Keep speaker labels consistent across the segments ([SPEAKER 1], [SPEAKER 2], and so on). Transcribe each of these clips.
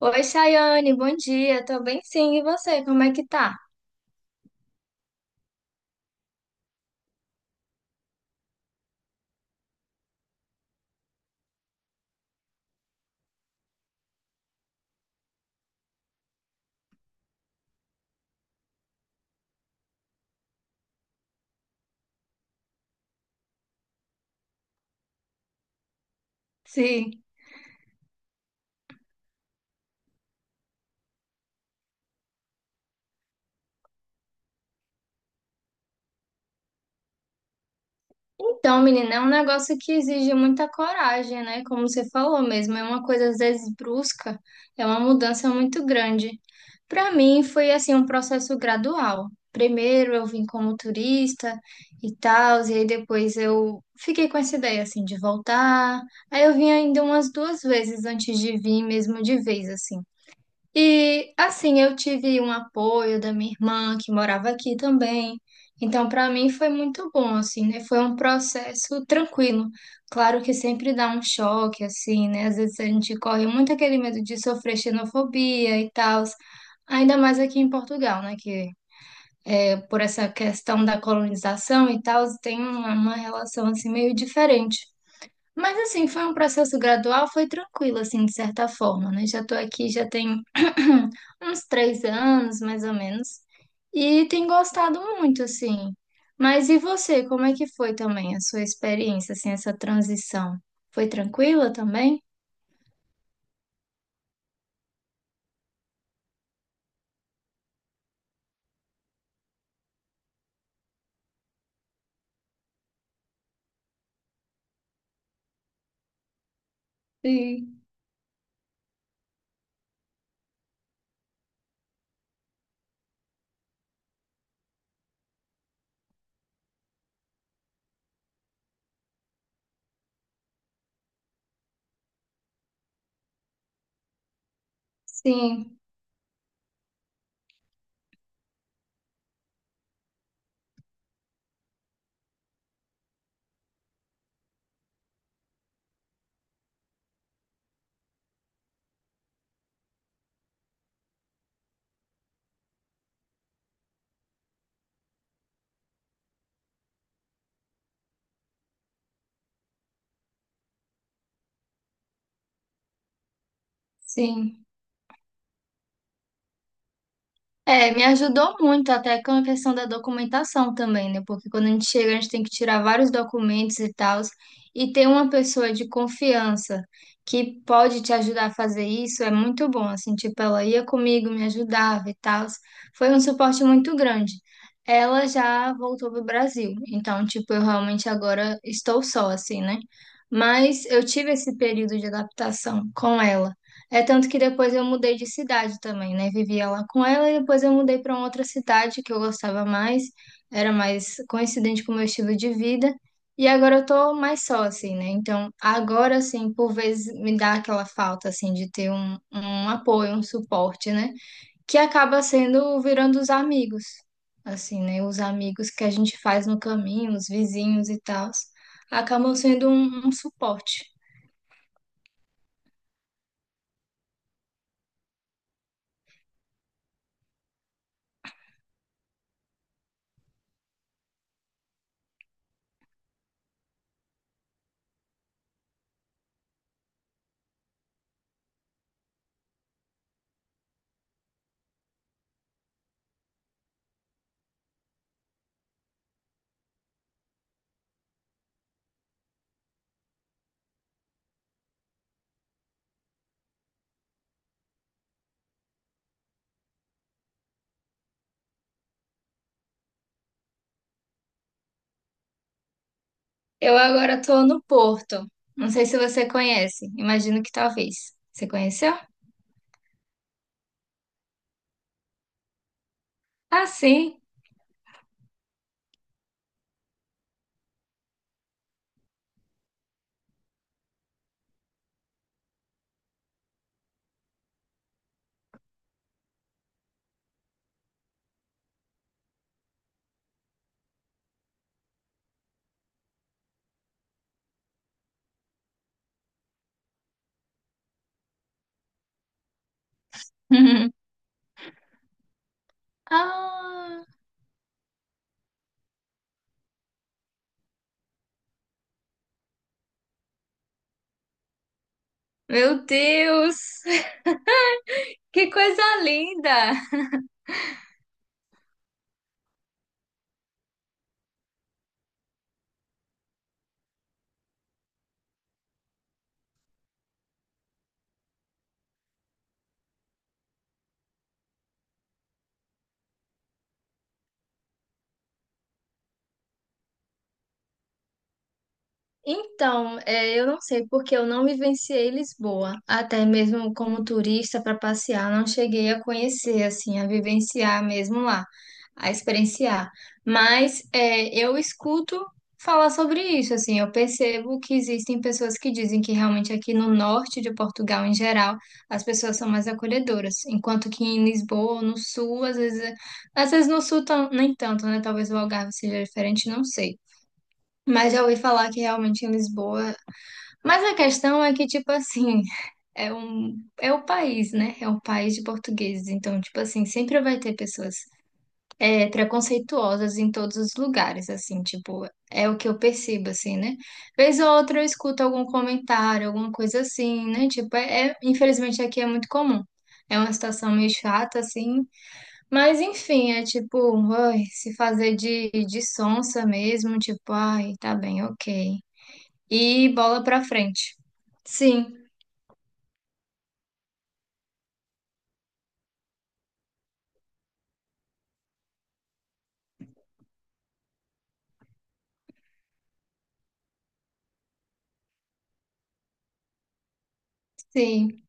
[SPEAKER 1] Oi, Chayane, bom dia. Tô bem sim, e você, como é que tá? Sim. Então, menina, é um negócio que exige muita coragem, né? Como você falou mesmo, é uma coisa às vezes brusca, é uma mudança muito grande. Para mim foi assim um processo gradual. Primeiro eu vim como turista e tal, e aí depois eu fiquei com essa ideia assim de voltar. Aí eu vim ainda umas 2 vezes antes de vir mesmo de vez assim. E assim, eu tive um apoio da minha irmã que morava aqui também. Então, para mim foi muito bom, assim, né? Foi um processo tranquilo. Claro que sempre dá um choque, assim, né? Às vezes a gente corre muito aquele medo de sofrer xenofobia e tal. Ainda mais aqui em Portugal, né? Que por essa questão da colonização e tal, tem uma relação assim meio diferente. Mas assim, foi um processo gradual, foi tranquilo, assim, de certa forma, né? Já tô aqui, já tem uns 3 anos, mais ou menos, e tenho gostado muito, assim. Mas e você, como é que foi também a sua experiência, assim, essa transição? Foi tranquila também? Sim. Sim, sim. É, me ajudou muito até com a questão da documentação também, né? Porque quando a gente chega, a gente tem que tirar vários documentos e tal, e ter uma pessoa de confiança que pode te ajudar a fazer isso é muito bom, assim, tipo, ela ia comigo, me ajudava e tal. Foi um suporte muito grande. Ela já voltou pro Brasil, então, tipo, eu realmente agora estou só, assim, né? Mas eu tive esse período de adaptação com ela. É tanto que depois eu mudei de cidade também, né? Vivia lá com ela e depois eu mudei para outra cidade que eu gostava mais, era mais coincidente com o meu estilo de vida. E agora eu tô mais só, assim, né? Então, agora, assim, por vezes me dá aquela falta, assim, de ter um apoio, um suporte, né? Que acaba sendo virando os amigos, assim, né? Os amigos que a gente faz no caminho, os vizinhos e tal, acabam sendo um suporte. Eu agora tô no Porto. Não sei se você conhece. Imagino que talvez. Você conheceu? Ah, sim. Ah, meu Deus! Que coisa linda! Então, é, eu não sei porque eu não vivenciei Lisboa, até mesmo como turista para passear, não cheguei a conhecer, assim, a vivenciar mesmo lá, a experienciar. Mas é, eu escuto falar sobre isso, assim, eu percebo que existem pessoas que dizem que realmente aqui no norte de Portugal, em geral, as pessoas são mais acolhedoras, enquanto que em Lisboa, no sul, às vezes no sul nem tanto, né? Talvez o Algarve seja diferente, não sei. Mas já ouvi falar que realmente em Lisboa. Mas a questão é que, tipo assim, é um, é o país, né? É um país de portugueses. Então, tipo assim, sempre vai ter pessoas preconceituosas em todos os lugares, assim, tipo, é o que eu percebo, assim, né? Vez ou outra eu escuto algum comentário, alguma coisa assim, né? Tipo, infelizmente aqui é muito comum. É uma situação meio chata, assim. Mas, enfim, é tipo, ai, se fazer de sonsa mesmo, tipo, ai, tá bem, ok. E bola pra frente. Sim, sim,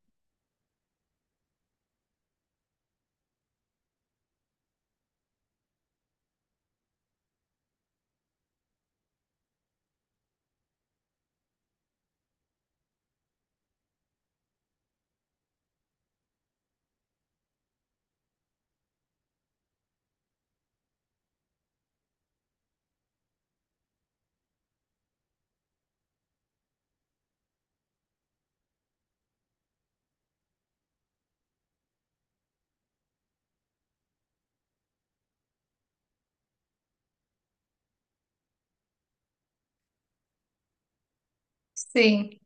[SPEAKER 1] sim.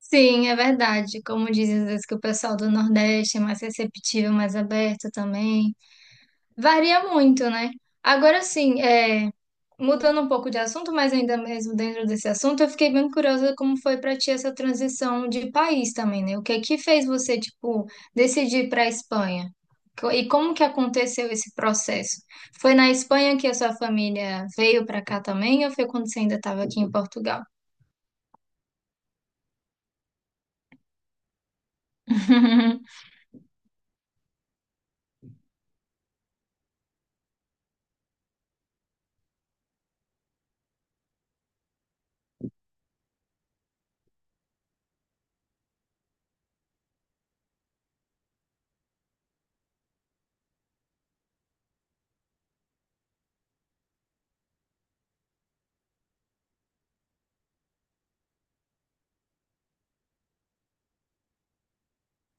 [SPEAKER 1] Sim, é verdade. Como dizem às vezes que o pessoal do Nordeste é mais receptivo, mais aberto também. Varia muito, né? Agora sim, é, mudando um pouco de assunto, mas ainda mesmo dentro desse assunto, eu fiquei bem curiosa como foi para ti essa transição de país também, né? O que é que fez você, tipo, decidir para a Espanha? E como que aconteceu esse processo? Foi na Espanha que a sua família veio para cá também, ou foi quando você ainda estava aqui em Portugal?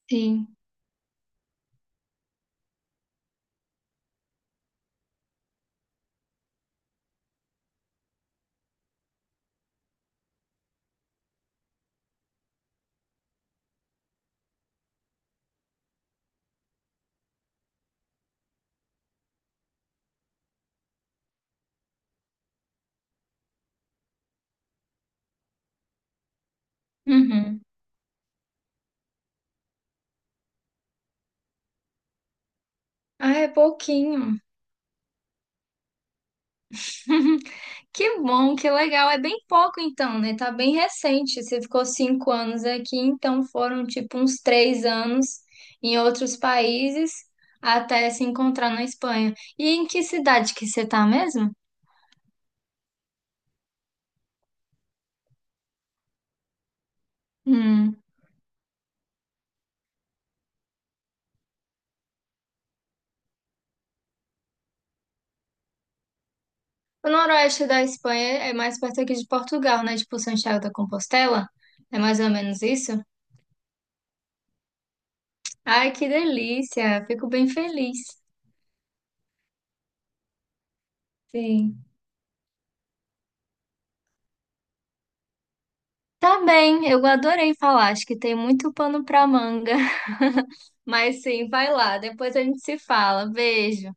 [SPEAKER 1] Sim. Uhum. Ah, é pouquinho. Que bom, que legal. É bem pouco então, né? Tá bem recente. Você ficou 5 anos aqui, então foram tipo uns 3 anos em outros países até se encontrar na Espanha. E em que cidade que você tá mesmo? Hum. O noroeste da Espanha é mais perto aqui de Portugal, né? Tipo Santiago da Compostela. É mais ou menos isso? Ai, que delícia! Fico bem feliz. Sim. Tá bem, eu adorei falar, acho que tem muito pano pra manga. Mas sim, vai lá, depois a gente se fala. Beijo.